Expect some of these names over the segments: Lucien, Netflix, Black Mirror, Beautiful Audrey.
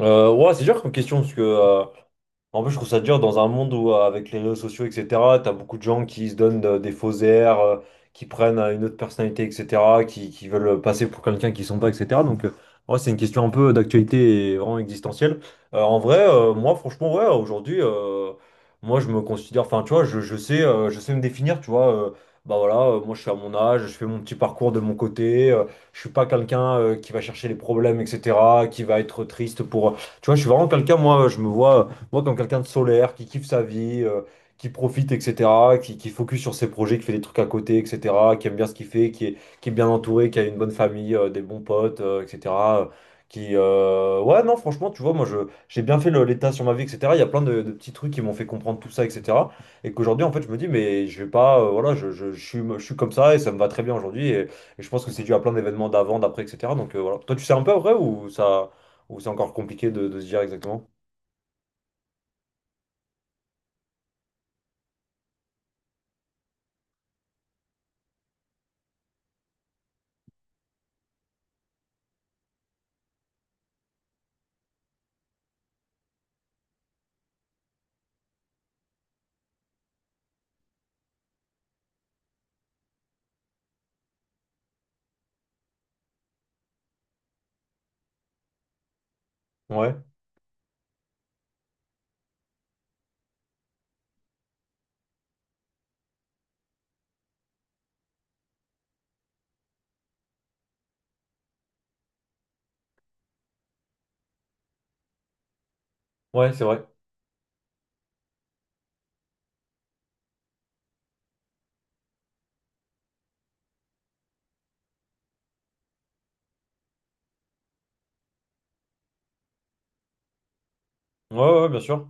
Ouais, c'est dur comme question parce que en plus, je trouve ça dur dans un monde où, avec les réseaux sociaux, etc., t'as beaucoup de gens qui se donnent des faux airs, qui prennent une autre personnalité, etc., qui veulent passer pour quelqu'un qu'ils sont pas, etc. Donc, ouais, c'est une question un peu d'actualité et vraiment existentielle. En vrai, moi, franchement, ouais, aujourd'hui, moi, je me considère, enfin, tu vois, je sais, je sais me définir, tu vois. Bah voilà, moi, je suis à mon âge, je fais mon petit parcours de mon côté. Je suis pas quelqu'un qui va chercher les problèmes, etc., qui va être triste pour. Tu vois, je suis vraiment quelqu'un, moi, je me vois. Moi, comme quelqu'un de solaire, qui kiffe sa vie, qui profite, etc., qui focus sur ses projets, qui fait des trucs à côté, etc., qui aime bien ce qu'il fait, qui est bien entouré, qui a une bonne famille, des bons potes, etc. euh, Ouais, non, franchement, tu vois, moi, j'ai bien fait l'état sur ma vie, etc. Il y a plein de petits trucs qui m'ont fait comprendre tout ça, etc. Et qu'aujourd'hui, en fait, je me dis, mais je vais pas, voilà, je suis comme ça et ça me va très bien aujourd'hui. Et je pense que c'est dû à plein d'événements d'avant, d'après, etc. Donc, voilà. Toi, tu sais un peu, vrai, ou ça, ou c'est encore compliqué de se dire exactement? Ouais. Ouais, c'est vrai. Ouais, ouais, bien sûr.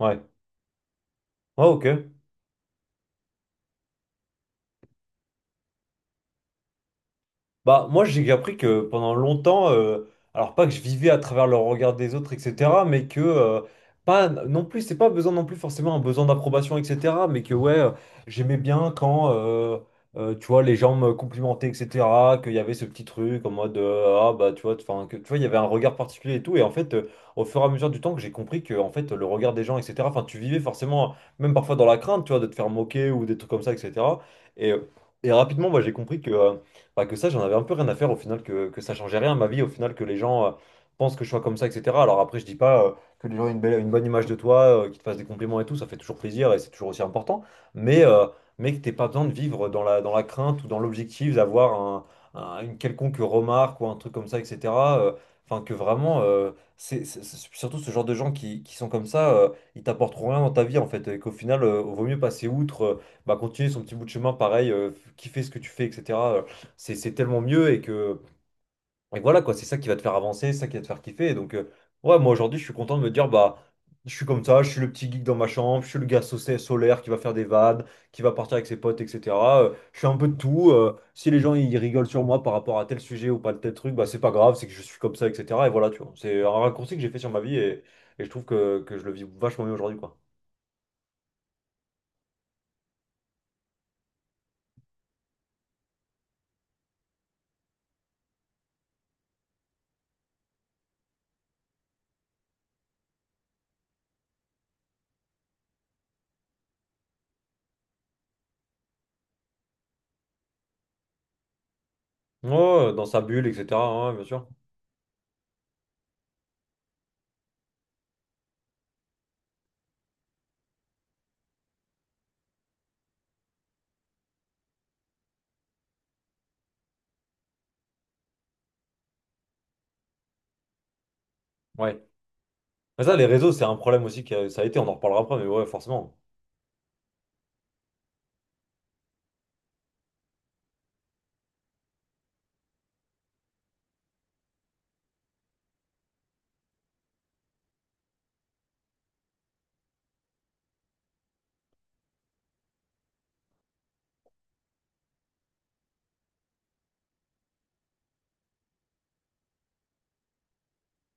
Ouais. Ouais, ok. Bah, moi, j'ai appris que pendant longtemps, alors pas que je vivais à travers le regard des autres, etc., mais que pas non plus, c'est pas besoin non plus forcément un besoin d'approbation, etc., mais que ouais, j'aimais bien quand, tu vois, les gens me complimentaient, etc., qu'il y avait ce petit truc en mode ah bah tu vois, enfin que tu vois, il y avait un regard particulier et tout, et en fait, au fur et à mesure du temps que j'ai compris que en fait le regard des gens, etc., enfin tu vivais forcément, même parfois dans la crainte, tu vois, de te faire moquer ou des trucs comme ça, etc. Et, euh, et rapidement, moi, j'ai compris que bah, que ça, j'en avais un peu rien à faire au final, que ça changeait rien à ma vie, au final, que les gens pensent que je sois comme ça, etc. Alors après, je dis pas que les gens aient une belle, une bonne image de toi, qu'ils te fassent des compliments et tout, ça fait toujours plaisir et c'est toujours aussi important, mais, euh, mais que t'aies pas besoin de vivre dans la crainte ou dans l'objectif d'avoir une quelconque remarque ou un truc comme ça, etc. euh, Enfin, que vraiment, c'est surtout ce genre de gens qui sont comme ça, ils t'apporteront rien dans ta vie en fait, et qu'au final, vaut mieux passer outre, bah, continuer son petit bout de chemin pareil, kiffer ce que tu fais, etc. C'est tellement mieux et que et voilà quoi, c'est ça qui va te faire avancer, c'est ça qui va te faire kiffer. Et donc ouais, moi aujourd'hui, je suis content de me dire bah je suis comme ça, je suis le petit geek dans ma chambre, je suis le gars solaire qui va faire des vannes, qui va partir avec ses potes, etc. Je suis un peu de tout. Si les gens ils rigolent sur moi par rapport à tel sujet ou pas tel truc, bah c'est pas grave, c'est que je suis comme ça, etc. Et voilà, tu vois. C'est un raccourci que j'ai fait sur ma vie et je trouve que je le vis vachement mieux aujourd'hui, quoi. Ouais, dans sa bulle, etc. Ouais, bien sûr. Ouais. Mais ça, les réseaux, c'est un problème aussi que ça a été, on en reparlera après, mais ouais, forcément.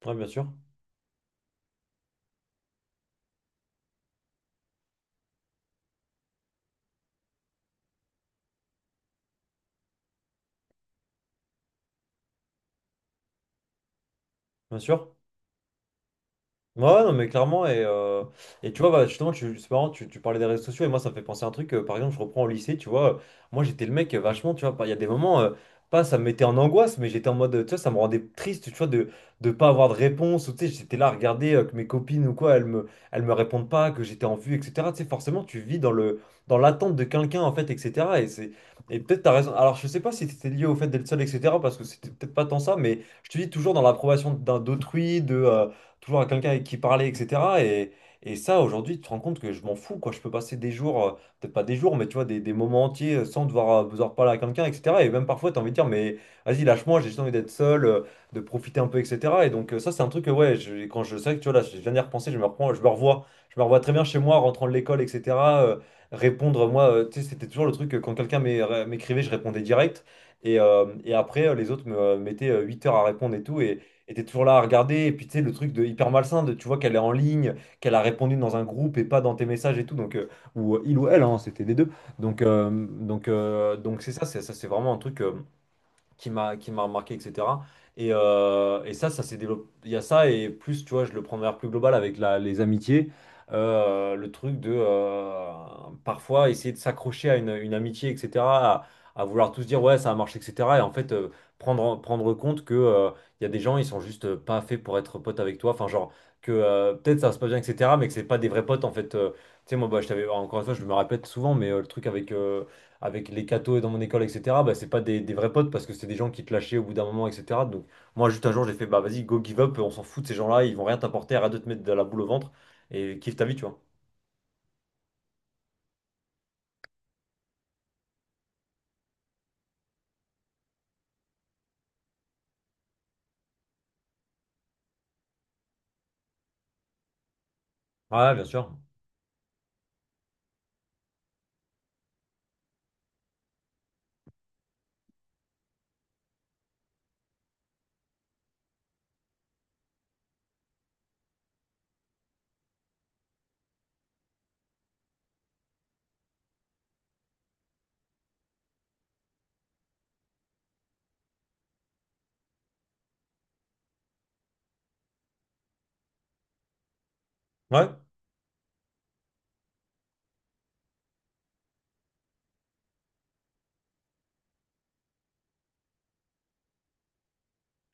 Ouais, bien sûr. Bien sûr. Ouais, ouais, non, mais clairement, et tu vois, bah, justement, c'est marrant, tu parlais des réseaux sociaux, et moi, ça me fait penser à un truc, par exemple, je reprends au lycée, tu vois, moi, j'étais le mec vachement, tu vois, il y a des moments, pas ça me mettait en angoisse, mais j'étais en mode, tu vois, ça me rendait triste, tu vois, de pas avoir de réponse, ou tu sais, j'étais là à regarder que mes copines ou quoi, elles me répondent pas, que j'étais en vue, etc. Tu sais, forcément, tu vis dans dans l'attente de quelqu'un, en fait, etc. Et peut-être t'as raison, alors je sais pas si c'était lié au fait d'être seul, etc., parce que c'était peut-être pas tant ça, mais je te dis toujours dans l'approbation d'autrui, toujours à quelqu'un avec qui parler, etc. Et ça, aujourd'hui, tu te rends compte que je m'en fous, quoi. Je peux passer des jours, peut-être pas des jours, mais tu vois, des moments entiers sans devoir parler à quelqu'un, etc. Et même parfois, tu as envie de dire, mais vas-y, lâche-moi, j'ai juste envie d'être seul, de profiter un peu, etc. Et donc, ça, c'est un truc que, ouais, quand je sais que, tu vois, là, je viens d'y repenser, je me reprends, je me revois. Je me revois très bien chez moi, rentrant de l'école, etc. euh, Répondre, moi, tu sais, c'était toujours le truc que quand quelqu'un m'écrivait, je répondais direct. Et après, les autres me mettaient 8 heures à répondre et tout. Et t'es toujours là à regarder, et puis tu sais, le truc de hyper malsain, de, tu vois qu'elle est en ligne, qu'elle a répondu dans un groupe et pas dans tes messages et tout, donc, ou il ou elle, hein, c'était des deux. Donc c'est ça, c'est ça, c'est vraiment un truc. Qui m'a marqué, etc. Et ça, ça s'est développé. Il y a ça, et plus, tu vois, je le prends de manière plus globale avec les amitiés. Le truc de parfois essayer de s'accrocher à une amitié, etc. À, à vouloir tous dire, ouais, ça a marché, etc. Et en fait, prendre compte que il y a des gens, ils sont juste pas faits pour être potes avec toi. Enfin, genre, que peut-être ça se passe bien, etc. Mais que c'est pas des vrais potes, en fait. Tu sais, moi, bah, je t'avais, encore une fois, je me répète souvent, mais le truc avec les cathos dans mon école, etc., bah, c'est pas des vrais potes parce que c'est des gens qui te lâchaient au bout d'un moment, etc. Donc, moi, juste un jour, j'ai fait, bah vas-y, go give up, on s'en fout de ces gens-là, ils vont rien t'apporter, arrête de te mettre de la boule au ventre et kiffe ta vie, tu vois. Ouais, bien sûr. Ouais,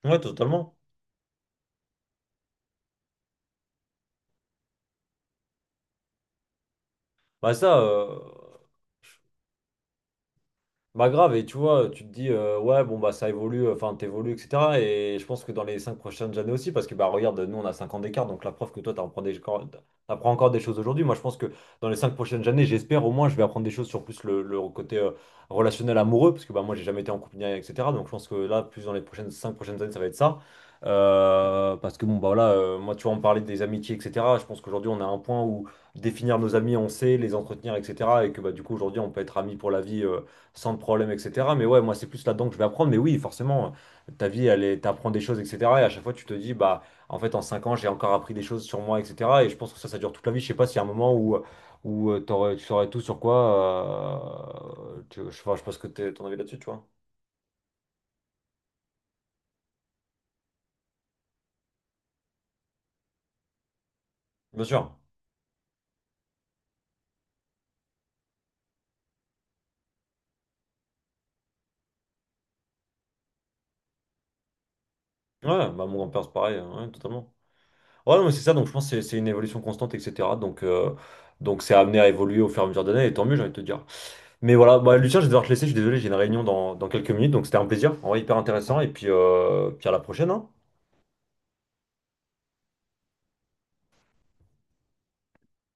ouais, totalement. Bah, ça, euh, Bah grave, et tu vois, tu te dis, ouais, bon, bah ça évolue, enfin, t'évolues, etc. Et je pense que dans les 5 prochaines années aussi, parce que, bah regarde, nous, on a 5 ans d'écart, donc la preuve que toi, t'apprends encore des choses aujourd'hui. Moi, je pense que dans les 5 prochaines années, j'espère au moins, je vais apprendre des choses sur plus le côté relationnel amoureux, parce que, bah moi, j'ai jamais été en couple, ni rien, etc. Donc, je pense que là, plus dans les prochaines 5 prochaines années, ça va être ça. Parce que, bon, bah voilà, moi, tu vois, on parlait des amitiés, etc. Je pense qu'aujourd'hui, on a un point où définir nos amis, on sait, les entretenir, etc. Et que, bah du coup, aujourd'hui, on peut être amis pour la vie. Sans problème, etc. Mais ouais, moi, c'est plus là-dedans que je vais apprendre. Mais oui, forcément, ta vie, t'apprends des choses, etc. Et à chaque fois, tu te dis, bah, en fait, en 5 ans, j'ai encore appris des choses sur moi, etc. Et je pense que ça dure toute la vie. Je sais pas s'il y a un moment où tu saurais tout sur quoi. Enfin, je pense que ton avis là-dessus, tu vois. Bien sûr. Ouais, bah, mon grand-père, c'est pareil, hein, ouais, totalement. Ouais, non, mais c'est ça, donc je pense que c'est une évolution constante, etc. Donc c'est amené à évoluer au fur et à mesure des années, et tant mieux, j'ai envie de te dire. Mais voilà, bah, Lucien, je vais devoir te laisser, je suis désolé, j'ai une réunion dans quelques minutes, donc c'était un plaisir, en vrai, hyper intéressant, et puis à la prochaine, hein.